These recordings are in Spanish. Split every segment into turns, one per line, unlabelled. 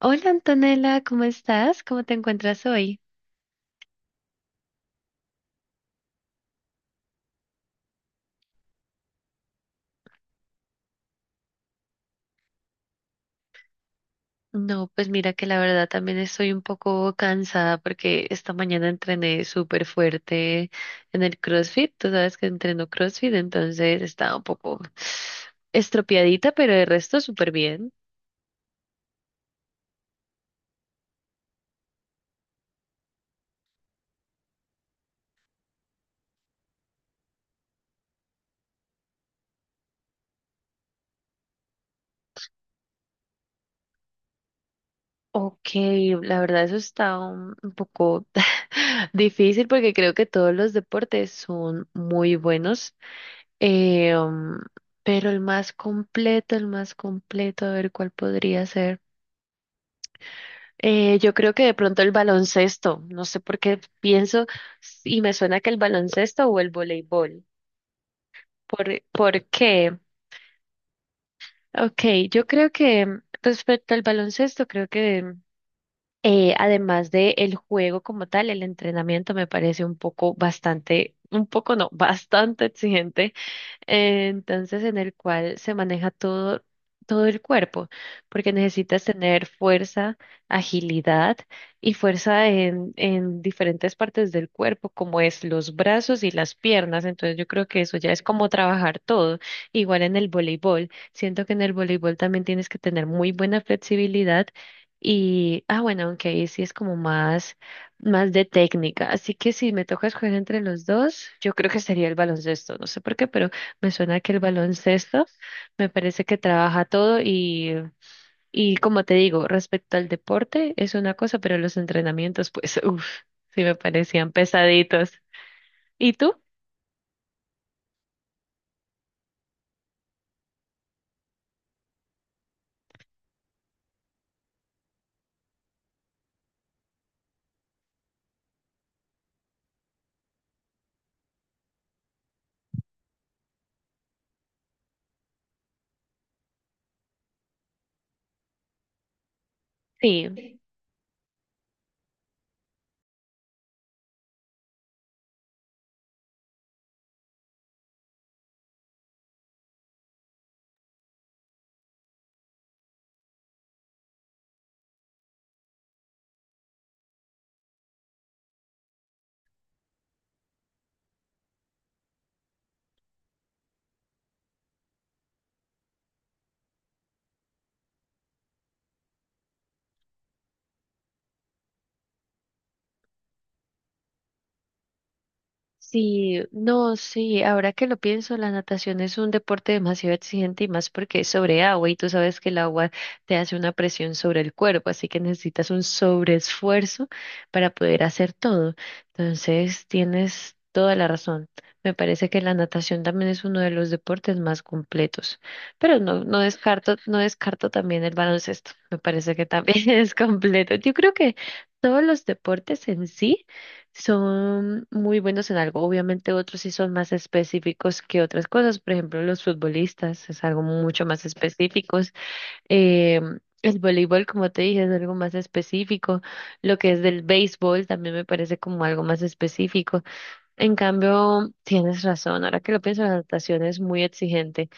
Hola Antonella, ¿cómo estás? ¿Cómo te encuentras hoy? No, pues mira que la verdad también estoy un poco cansada porque esta mañana entrené súper fuerte en el CrossFit. Tú sabes que entreno CrossFit, entonces estaba un poco estropeadita, pero el resto súper bien. Ok, la verdad eso está un poco difícil porque creo que todos los deportes son muy buenos. Eh, um, pero el más completo, a ver cuál podría ser. Yo creo que de pronto el baloncesto, no sé por qué pienso y me suena que el baloncesto o el voleibol. ¿Por qué? Ok, yo creo que respecto al baloncesto, creo que además de el juego como tal, el entrenamiento me parece un poco bastante, un poco no, bastante exigente, entonces en el cual se maneja todo, todo el cuerpo, porque necesitas tener fuerza, agilidad y fuerza en diferentes partes del cuerpo, como es los brazos y las piernas. Entonces yo creo que eso ya es como trabajar todo. Igual en el voleibol, siento que en el voleibol también tienes que tener muy buena flexibilidad. Y, ah, bueno, aunque ahí sí es como más de técnica. Así que si me toca escoger entre los dos, yo creo que sería el baloncesto. No sé por qué, pero me suena que el baloncesto me parece que trabaja todo y como te digo, respecto al deporte es una cosa, pero los entrenamientos, pues, uff, sí me parecían pesaditos. ¿Y tú? Sí. Sí, no, sí, ahora que lo pienso, la natación es un deporte demasiado exigente y más porque es sobre agua y tú sabes que el agua te hace una presión sobre el cuerpo, así que necesitas un sobreesfuerzo para poder hacer todo. Entonces, tienes toda la razón. Me parece que la natación también es uno de los deportes más completos, pero no, no descarto, no descarto también el baloncesto. Me parece que también es completo. Yo creo que todos los deportes en sí son muy buenos en algo. Obviamente otros sí son más específicos que otras cosas. Por ejemplo, los futbolistas es algo mucho más específicos. Eh, el voleibol, como te dije, es algo más específico. Lo que es del béisbol también me parece como algo más específico. En cambio, tienes razón. Ahora que lo pienso, la natación es muy exigente.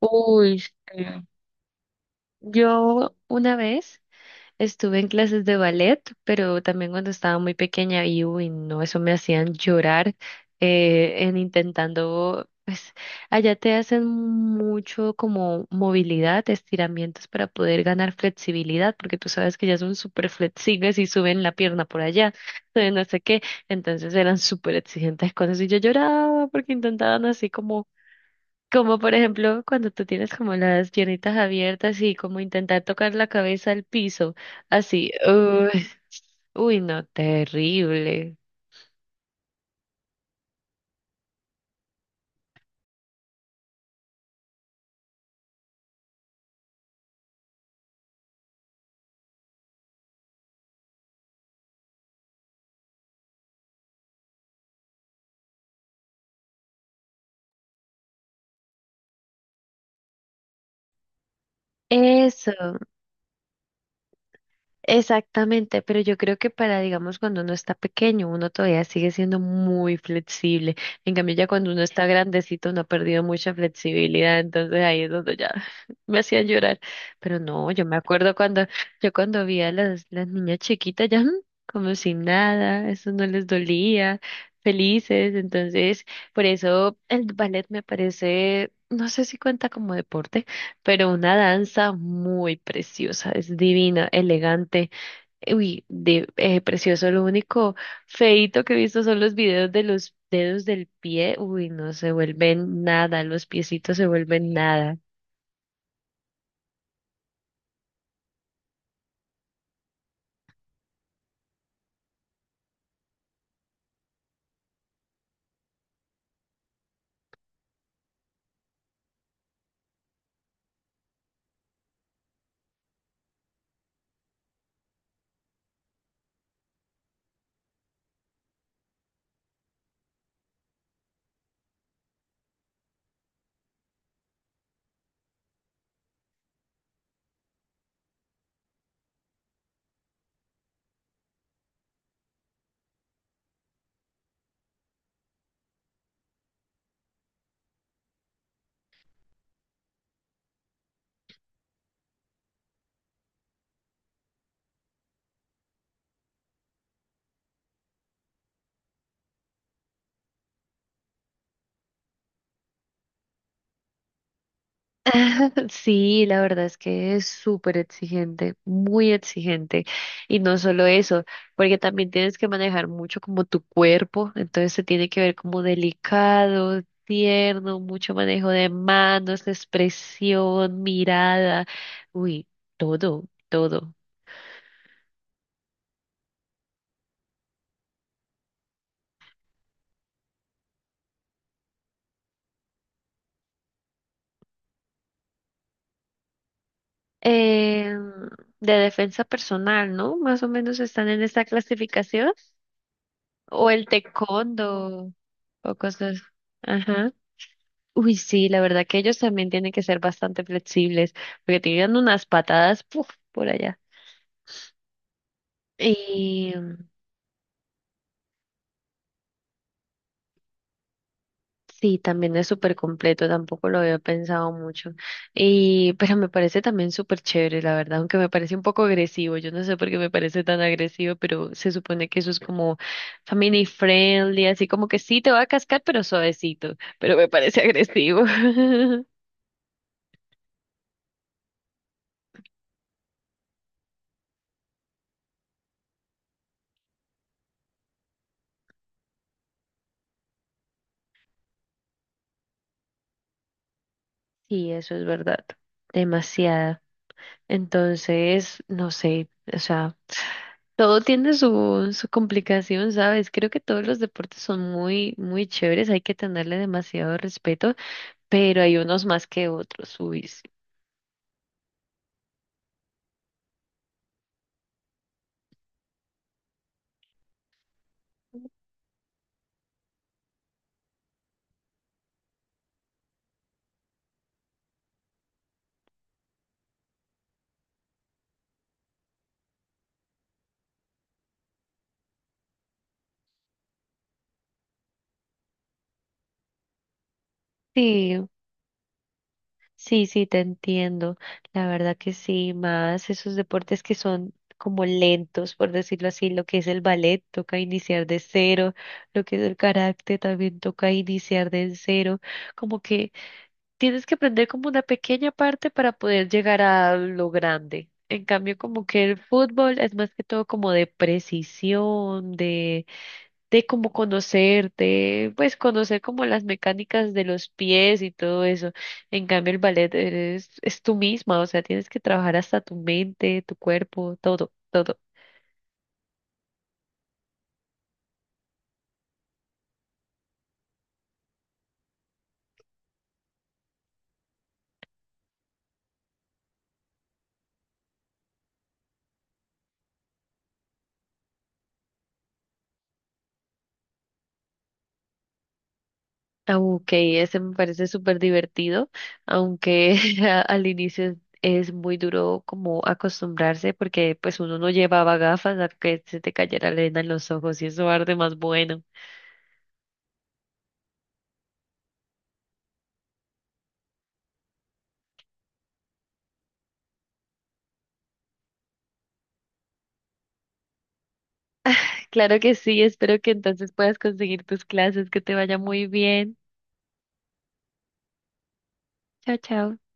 Uy, eh, yo una vez... Estuve en clases de ballet, pero también cuando estaba muy pequeña y uy, no, eso me hacían llorar, en intentando, pues allá te hacen mucho como movilidad, estiramientos para poder ganar flexibilidad, porque tú sabes que ya son súper flexibles y suben la pierna por allá, de no sé qué, entonces eran súper exigentes con eso y yo lloraba porque intentaban así como como por ejemplo cuando tú tienes como las piernitas abiertas y como intentar tocar la cabeza al piso, así, uy, uy, no, terrible. Eso. Exactamente, pero yo creo que para, digamos, cuando uno está pequeño, uno todavía sigue siendo muy flexible. En cambio, ya cuando uno está grandecito, uno ha perdido mucha flexibilidad, entonces ahí es donde ya me hacían llorar. Pero no, yo me acuerdo cuando, yo cuando vi a las niñas chiquitas ya como sin nada, eso no les dolía, felices. Entonces, por eso el ballet me parece, no sé si cuenta como deporte pero una danza muy preciosa, es divina, elegante. Uy, de, precioso. Lo único feito que he visto son los videos de los dedos del pie. Uy, no se vuelven nada, los piecitos se vuelven nada. Sí, la verdad es que es súper exigente, muy exigente. Y no solo eso, porque también tienes que manejar mucho como tu cuerpo, entonces se tiene que ver como delicado, tierno, mucho manejo de manos, expresión, mirada. Uy, todo, todo. eh, de defensa personal, ¿no? Más o menos están en esta clasificación. O el taekwondo o cosas. Ajá. Uy, sí, la verdad que ellos también tienen que ser bastante flexibles, porque tienen unas patadas, puf, por allá. Y sí, también es súper completo, tampoco lo había pensado mucho. Y, pero me parece también súper chévere, la verdad, aunque me parece un poco agresivo. Yo no sé por qué me parece tan agresivo, pero se supone que eso es como family friendly, así como que sí te va a cascar, pero suavecito. Pero me parece agresivo. Sí, eso es verdad. Demasiada. Entonces, no sé, o sea, todo tiene su complicación, ¿sabes? Creo que todos los deportes son muy, muy chéveres, hay que tenerle demasiado respeto, pero hay unos más que otros. Uy, sí. Sí, sí, sí, te entiendo. La verdad que sí, más esos deportes que son como lentos, por decirlo así, lo que es el ballet toca iniciar de cero, lo que es el karate también toca iniciar de cero, como que tienes que aprender como una pequeña parte para poder llegar a lo grande. En cambio, como que el fútbol es más que todo como de precisión, de como conocerte, pues conocer como las mecánicas de los pies y todo eso. En cambio, el ballet eres, es tú misma, o sea, tienes que trabajar hasta tu mente, tu cuerpo, todo, todo. Ah, Ok, ese me parece súper divertido, aunque al inicio es muy duro como acostumbrarse porque pues uno no llevaba gafas a que se te cayera la arena en los ojos y eso arde más bueno. Claro que sí, espero que entonces puedas conseguir tus clases, que te vaya muy bien. Chao, chao.